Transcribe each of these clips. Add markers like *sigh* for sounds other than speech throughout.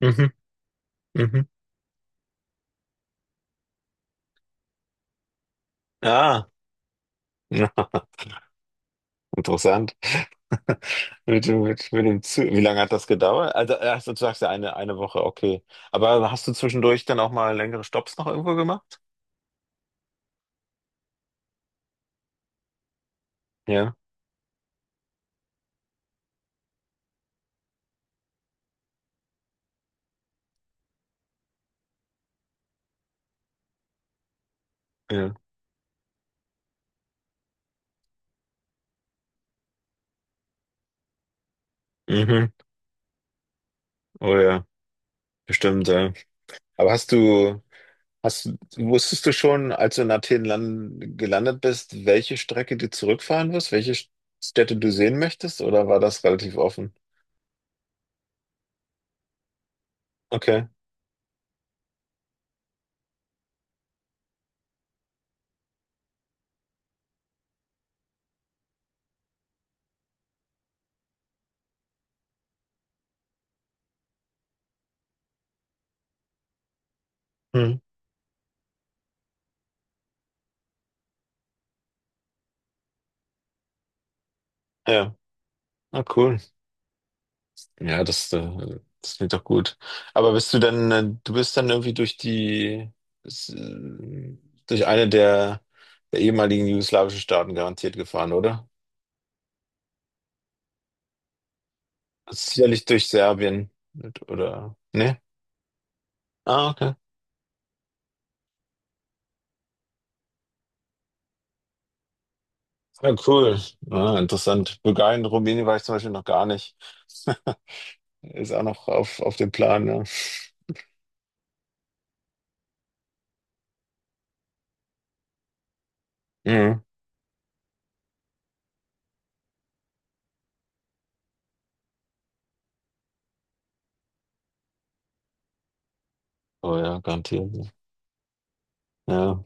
Mhm, mhm. Ah, *laughs* interessant. *laughs* Mit dem Zug. Wie lange hat das gedauert? Also, erst du sagst ja eine Woche, okay. Aber hast du zwischendurch dann auch mal längere Stopps noch irgendwo gemacht? Ja, ja. Mhm. Oh ja, bestimmt, ja. Aber hast, du- wusstest du schon, als du in Athen gelandet bist, welche Strecke du zurückfahren wirst, welche Städte du sehen möchtest, oder war das relativ offen? Okay. Hm. Ja. Ah, cool. Ja, das klingt doch gut. Aber bist du dann, du bist dann irgendwie s- äh, durch eine der ehemaligen jugoslawischen Staaten garantiert gefahren, oder? Sicherlich durch Serbien, oder? Ne? Ah, okay. Ja, cool. Ah, interessant. Bulgarien, Rumänien war ich zum Beispiel noch gar nicht. *laughs* Ist auch noch auf dem Plan, ja. Mhm. Oh ja, garantiert. Ja,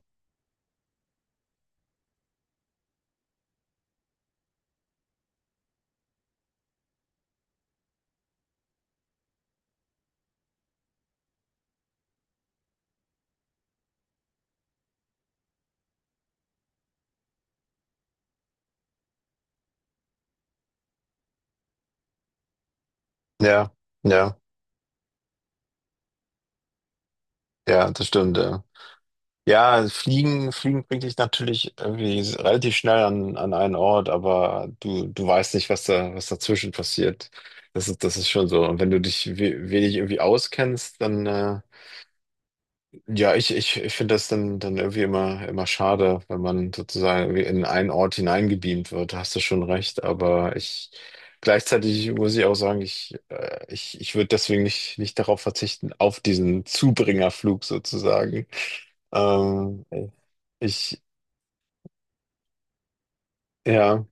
ja, ja, ja, das stimmt, ja. Ja, Fliegen, Fliegen bringt dich natürlich irgendwie relativ schnell an einen Ort, aber du weißt nicht, was dazwischen passiert. Das ist schon so. Und wenn du dich we wenig irgendwie auskennst, dann, ja, ich finde das dann, dann irgendwie immer, immer schade, wenn man sozusagen irgendwie in einen Ort hineingebeamt wird. Da hast du schon recht, gleichzeitig muss ich auch sagen, ich würde deswegen nicht darauf verzichten, auf diesen Zubringerflug sozusagen. Ähm, ich, ja,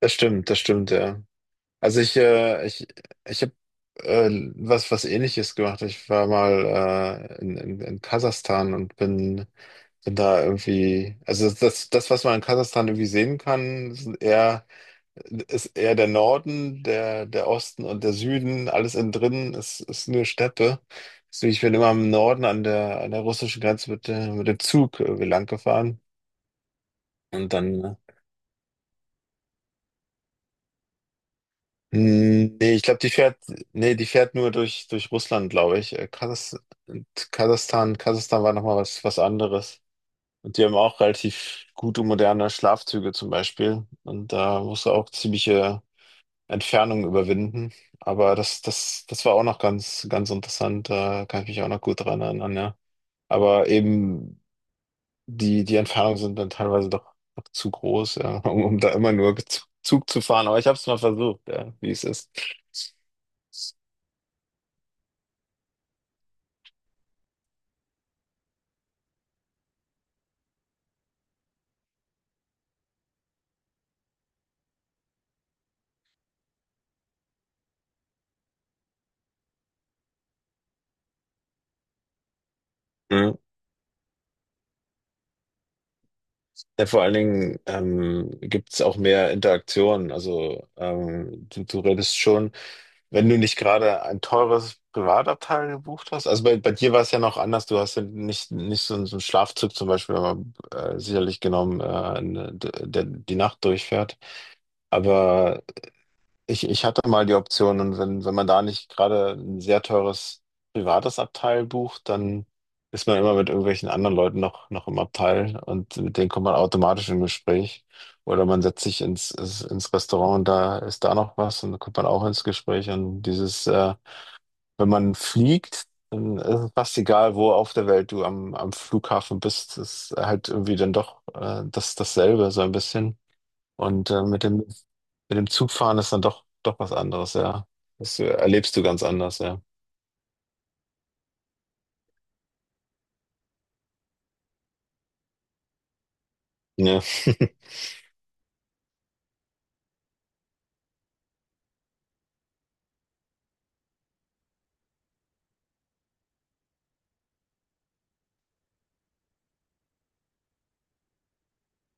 das stimmt, ja. Also ich habe äh, was Ähnliches gemacht. Ich war mal in Kasachstan und bin da irgendwie, also das, was man in Kasachstan irgendwie sehen kann, sind eher, ist eher der Norden, der Osten und der Süden, alles innen drin ist nur Steppe. Deswegen, ich bin immer im Norden an der russischen Grenze mit dem Zug lang gefahren und dann. Mm, nee, ich glaube, nee, die fährt nur durch Russland, glaube ich. Kasachstan, Kasachstan war nochmal was anderes. Und die haben auch relativ gute moderne Schlafzüge zum Beispiel. Und da musst du auch ziemliche Entfernungen überwinden. Aber das war auch noch ganz, ganz interessant. Da kann ich mich auch noch gut dran erinnern, ja. Aber eben die Entfernungen sind dann teilweise doch, doch zu groß, ja, *laughs* um da immer nur Zug Zug zu fahren. Aber ich habe es mal versucht, ja, wie es ist. Ja, vor allen Dingen gibt es auch mehr Interaktion. Also du redest schon, wenn du nicht gerade ein teures Privatabteil gebucht hast. Also bei dir war es ja noch anders. Du hast ja nicht so einen Schlafzug zum Beispiel aber, sicherlich genommen, ne, der die Nacht durchfährt. Aber ich hatte mal die Option und wenn man da nicht gerade ein sehr teures privates Abteil bucht, dann ist man immer mit irgendwelchen anderen Leuten noch im Abteil und mit denen kommt man automatisch in Gespräch. Oder man setzt sich ins Restaurant und da ist da noch was und dann kommt man auch ins Gespräch. Und wenn man fliegt, dann ist es fast egal, wo auf der Welt du am Flughafen bist, ist halt irgendwie dann doch dasselbe, so ein bisschen. Und mit dem Zugfahren ist dann doch, doch was anderes, ja. Das erlebst du ganz anders, ja. Ja. *laughs*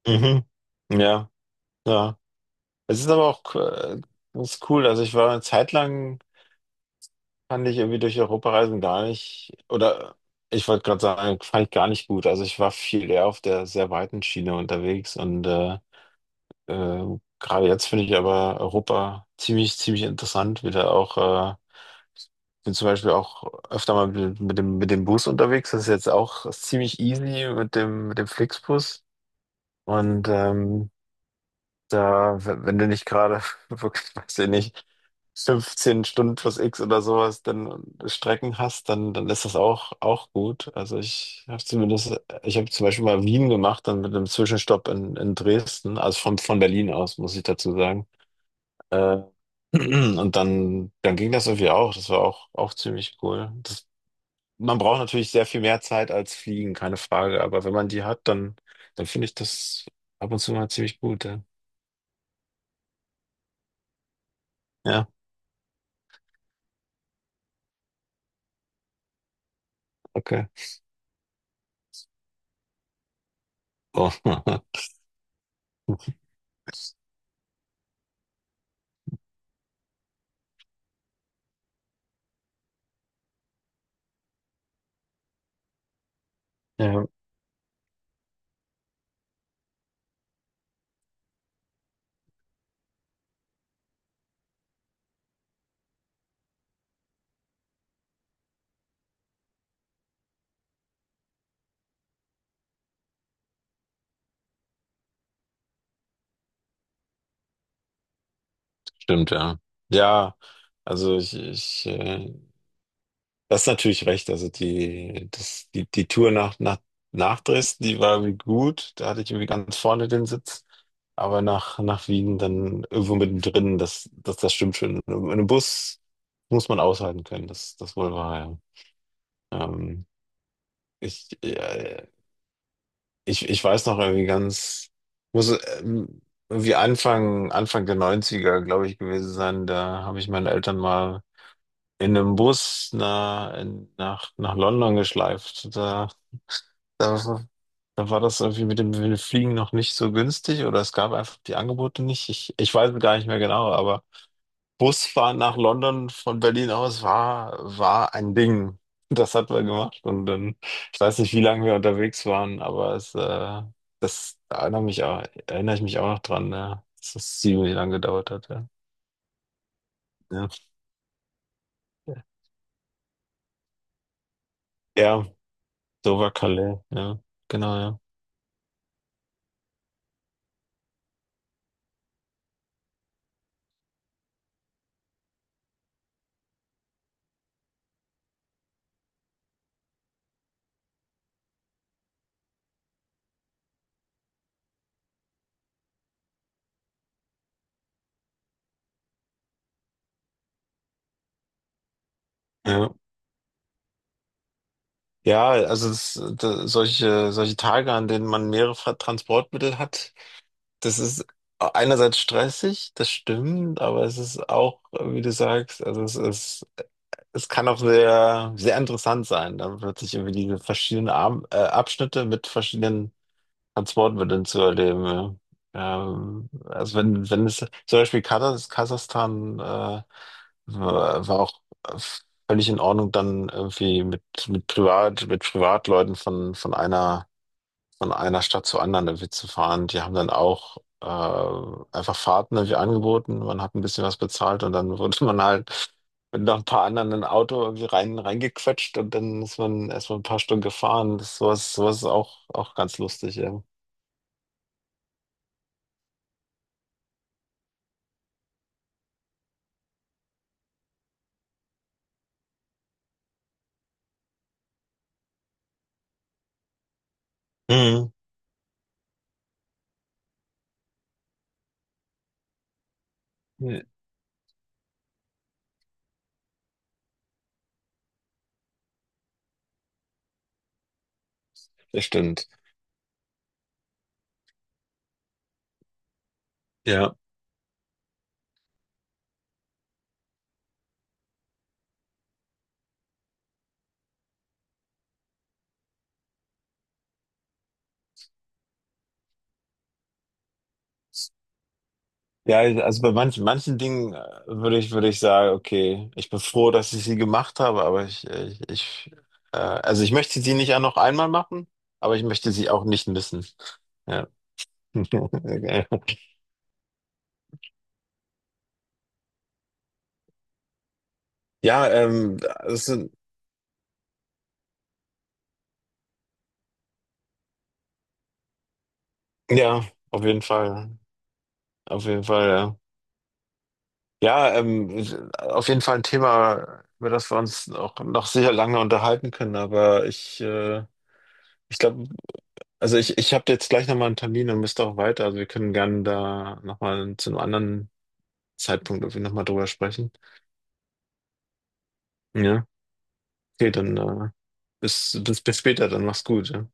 Mhm. Ja, ja. Es ist aber auch ganz cool. Also ich war eine Zeit lang, fand ich irgendwie durch Europa reisen gar nicht, oder ich wollte gerade sagen, fand ich gar nicht gut. Also ich war viel eher auf der sehr weiten Schiene unterwegs Äh, gerade jetzt finde ich aber Europa ziemlich, ziemlich interessant, wie da auch, bin zum Beispiel auch öfter mal mit dem Bus unterwegs. Das ist jetzt auch ziemlich easy mit dem Flixbus. Und wenn du nicht gerade, *laughs* wirklich, weiß ich nicht, 15 Stunden plus X oder sowas, dann Strecken hast, dann ist das auch gut. Also ich habe zum Beispiel mal Wien gemacht, dann mit einem Zwischenstopp in Dresden, also von Berlin aus, muss ich dazu sagen. Äh, *clears throat* und dann ging das irgendwie auch. Das war auch ziemlich cool. Man braucht natürlich sehr viel mehr Zeit als Fliegen, keine Frage. Aber wenn man die hat, dann finde ich das ab und zu mal ziemlich gut. Ja, ja, okay. Oh. *laughs* Ja. Stimmt, ja. Ja, also ich das ist natürlich recht. Also die Tour nach Dresden, die war irgendwie gut. Da hatte ich irgendwie ganz vorne den Sitz. Aber nach Wien dann irgendwo mittendrin, das stimmt schon. In einem Bus muss man aushalten können, das wohl war, ja. Ähm, ja, ja. Ich weiß noch irgendwie ganz, muss ähm, irgendwie Anfang der Neunziger glaube ich, gewesen sein. Da habe ich meine Eltern mal in einem Bus nach London geschleift. Da, da war das irgendwie mit dem Fliegen noch nicht so günstig oder es gab einfach die Angebote nicht. Ich weiß es gar nicht mehr genau, aber Busfahren nach London von Berlin aus war ein Ding. Das hat man gemacht und dann, ich weiß nicht, wie lange wir unterwegs waren, aber das erinnere mich auch, erinnere ich mich auch noch dran, ne? Dass das ziemlich lang gedauert hat, ja. Ja, ja, Dover-Calais, ja, genau, ja. Ja, ja, also solche Tage, an denen man mehrere Transportmittel hat. Das ist einerseits stressig, das stimmt, aber es ist auch, wie du sagst, also es ist, es kann auch sehr, sehr interessant sein, dann plötzlich irgendwie diese verschiedenen Abschnitte mit verschiedenen Transportmitteln zu erleben. Ja. Also wenn es zum Beispiel Kasachstan war auch äh, völlig in Ordnung, dann irgendwie mit Privatleuten von einer Stadt zur anderen irgendwie zu fahren. Die haben dann auch einfach Fahrten irgendwie angeboten. Man hat ein bisschen was bezahlt und dann *laughs* wurde man halt mit noch ein paar anderen in ein Auto irgendwie reingequetscht und dann ist man erstmal ein paar Stunden gefahren. Sowas ist auch ganz lustig, ja. Mhm. Ja, das stimmt. Ja. Ja, also bei manchen Dingen würde ich sagen, okay, ich bin froh, dass ich sie gemacht habe, aber ich also ich möchte sie nicht auch noch einmal machen, aber ich möchte sie auch nicht missen. Ja, *laughs* ja, es sind, ja, auf jeden Fall, auf jeden Fall, ja. Ja, auf jeden Fall ein Thema, über das wir uns auch noch sicher lange unterhalten können, aber ich glaube, also ich habe jetzt gleich nochmal einen Termin und müsste auch weiter. Also wir können gerne da nochmal zu einem anderen Zeitpunkt irgendwie nochmal drüber sprechen. Ja, okay, dann bis später, dann mach's gut. Ja.